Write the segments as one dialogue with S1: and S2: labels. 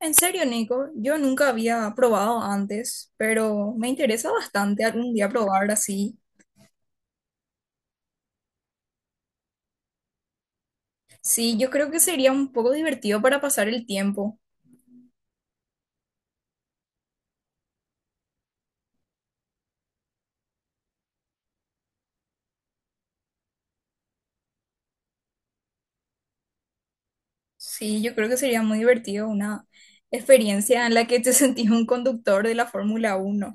S1: En serio, Nico, yo nunca había probado antes, pero me interesa bastante algún día probar así. Sí, yo creo que sería un poco divertido para pasar el tiempo. Sí, yo creo que sería muy divertido una experiencia en la que te sentís un conductor de la Fórmula Uno.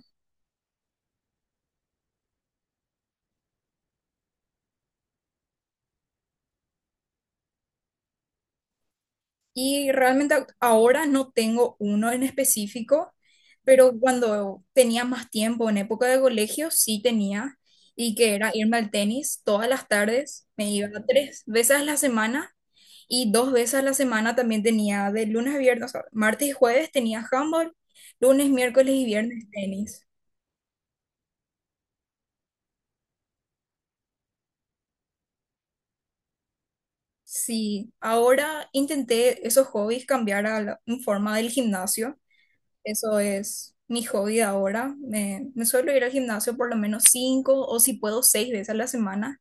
S1: Y realmente ahora no tengo uno en específico, pero cuando tenía más tiempo, en época de colegio, sí tenía, y que era irme al tenis todas las tardes, me iba 3 veces a la semana. Y 2 veces a la semana también tenía de lunes a viernes, o sea, martes y jueves tenía handball, lunes, miércoles y viernes tenis. Sí, ahora intenté esos hobbies cambiar a en forma del gimnasio. Eso es mi hobby de ahora. Me suelo ir al gimnasio por lo menos cinco o si puedo seis veces a la semana.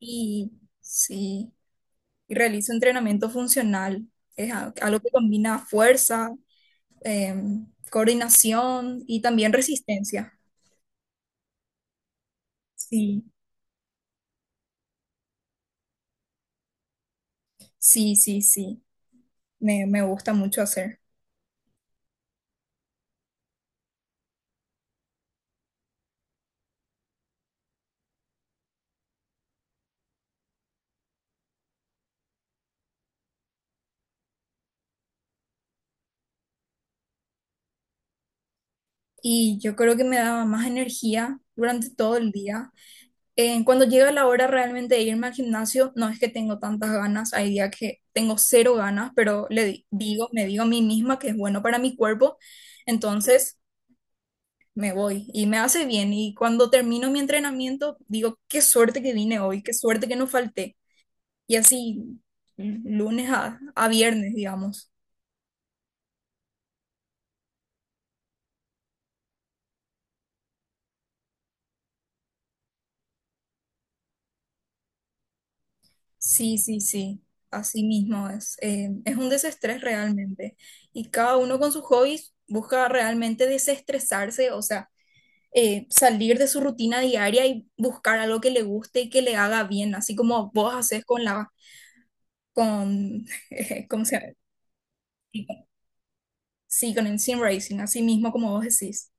S1: Y sí, y realizo entrenamiento funcional. Es algo que combina fuerza, coordinación y también resistencia. Sí. Sí, sí, sí, me gusta mucho hacer. Y yo creo que me daba más energía durante todo el día. Cuando llega la hora realmente de irme al gimnasio, no es que tengo tantas ganas, hay días que tengo cero ganas, pero me digo a mí misma que es bueno para mi cuerpo, entonces me voy y me hace bien. Y cuando termino mi entrenamiento, digo, qué suerte que vine hoy, qué suerte que no falté. Y así, lunes a viernes, digamos. Sí, sí, sí, así mismo es. Es un desestrés realmente. Y cada uno con sus hobbies busca realmente desestresarse, o sea, salir de su rutina diaria y buscar algo que le guste y que le haga bien, así como vos haces con la, con, ¿cómo se llama? Sí, con el sim racing, así mismo como vos decís.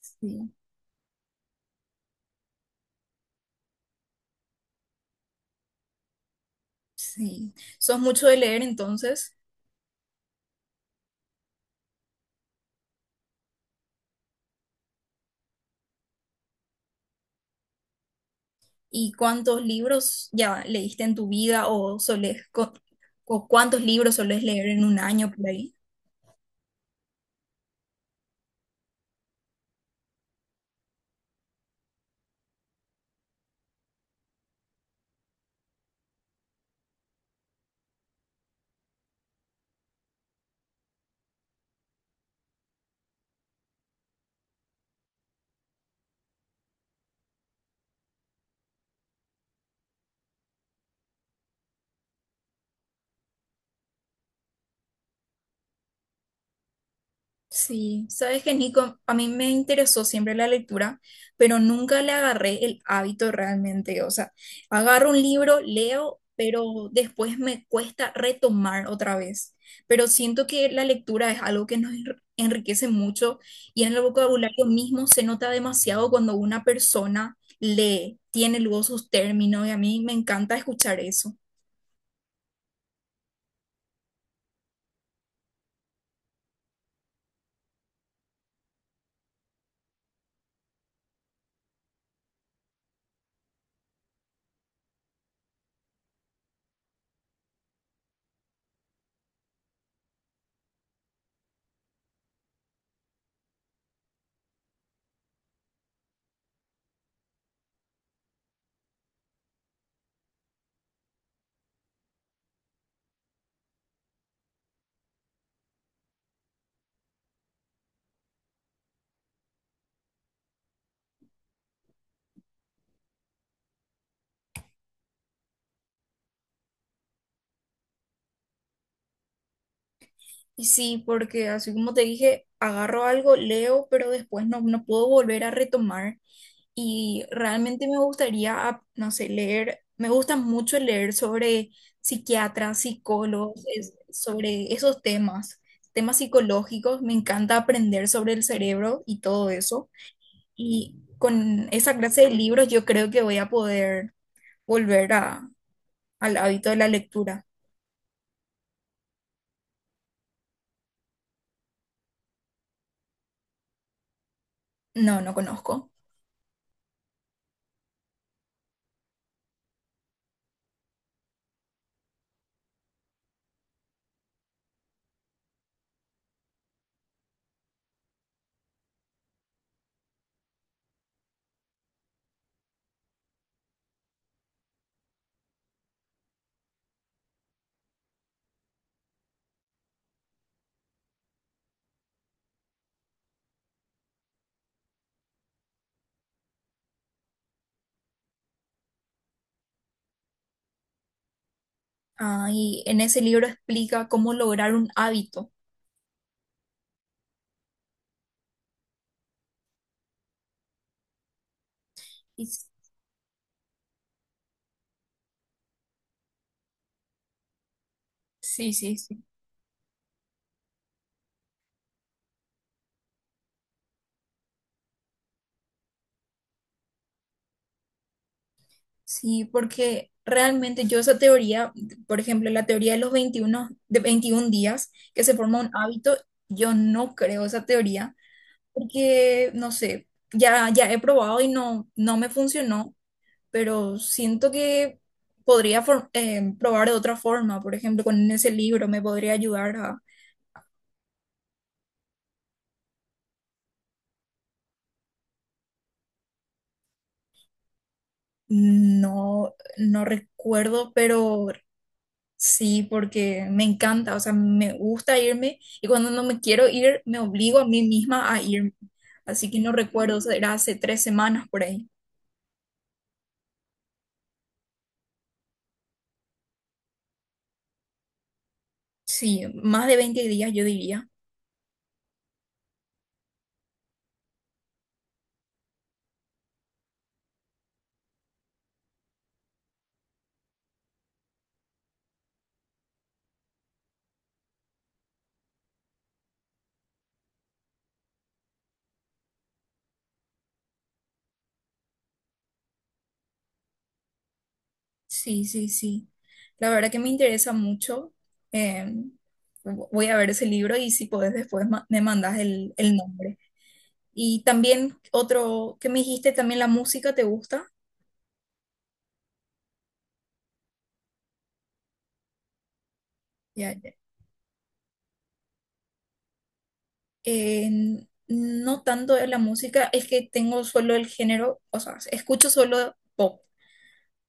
S1: Sí, sí. ¿Sos mucho de leer entonces? ¿Y cuántos libros ya leíste en tu vida o solés, o cuántos libros solés leer en un año por ahí? Sí, sabes que Nico, a mí me interesó siempre la lectura, pero nunca le agarré el hábito realmente. O sea, agarro un libro, leo, pero después me cuesta retomar otra vez. Pero siento que la lectura es algo que nos enriquece mucho y en el vocabulario mismo se nota demasiado cuando una persona lee, tiene luego sus términos y a mí me encanta escuchar eso. Y sí, porque así como te dije, agarro algo, leo, pero después no puedo volver a retomar. Y realmente me gustaría, no sé, leer, me gusta mucho leer sobre psiquiatras, psicólogos, sobre esos temas, temas psicológicos, me encanta aprender sobre el cerebro y todo eso. Y con esa clase de libros yo creo que voy a poder volver al hábito de la lectura. No, no conozco. Ah, y en ese libro explica cómo lograr un hábito. Y s- sí, sí, sí. Sí, porque realmente yo esa teoría, por ejemplo, la teoría de los 21 de 21 días que se forma un hábito, yo no creo esa teoría porque, no sé, ya he probado y no me funcionó, pero siento que podría probar de otra forma, por ejemplo, con ese libro me podría ayudar a, no recuerdo, pero sí, porque me encanta, o sea, me gusta irme y cuando no me quiero ir, me obligo a mí misma a irme. Así que no recuerdo, era hace 3 semanas por ahí. Sí, más de 20 días yo diría. Sí, sí, sí. La verdad que me interesa mucho. Eh, voy a ver ese libro y si podés después me mandas el nombre. Y también otro que me dijiste, también la música, ¿te gusta? Ya, ya. Eh, no tanto de la música, es que tengo solo el género, o sea, escucho solo pop,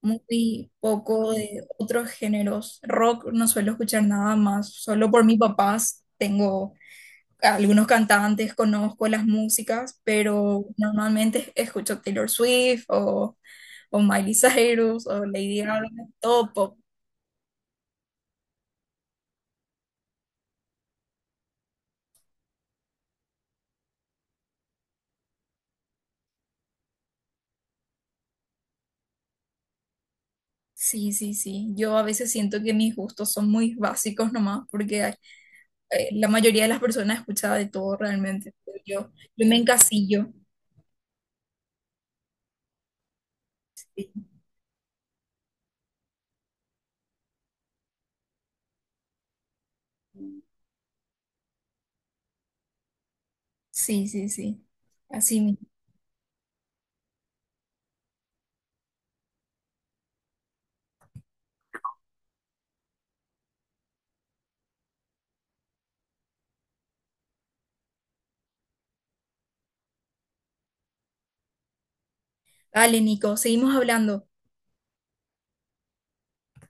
S1: muy poco de otros géneros. Rock no suelo escuchar nada más, solo por mis papás tengo algunos cantantes, conozco las músicas, pero normalmente escucho Taylor Swift o Miley Cyrus o Lady Gaga, todo pop. Sí, sí, sí. Yo a veces siento que mis gustos son muy básicos nomás, porque hay la mayoría de las personas escuchaba de todo realmente. Pero yo me encasillo. Sí, sí, sí. Así mismo. Dale, Nico, seguimos hablando.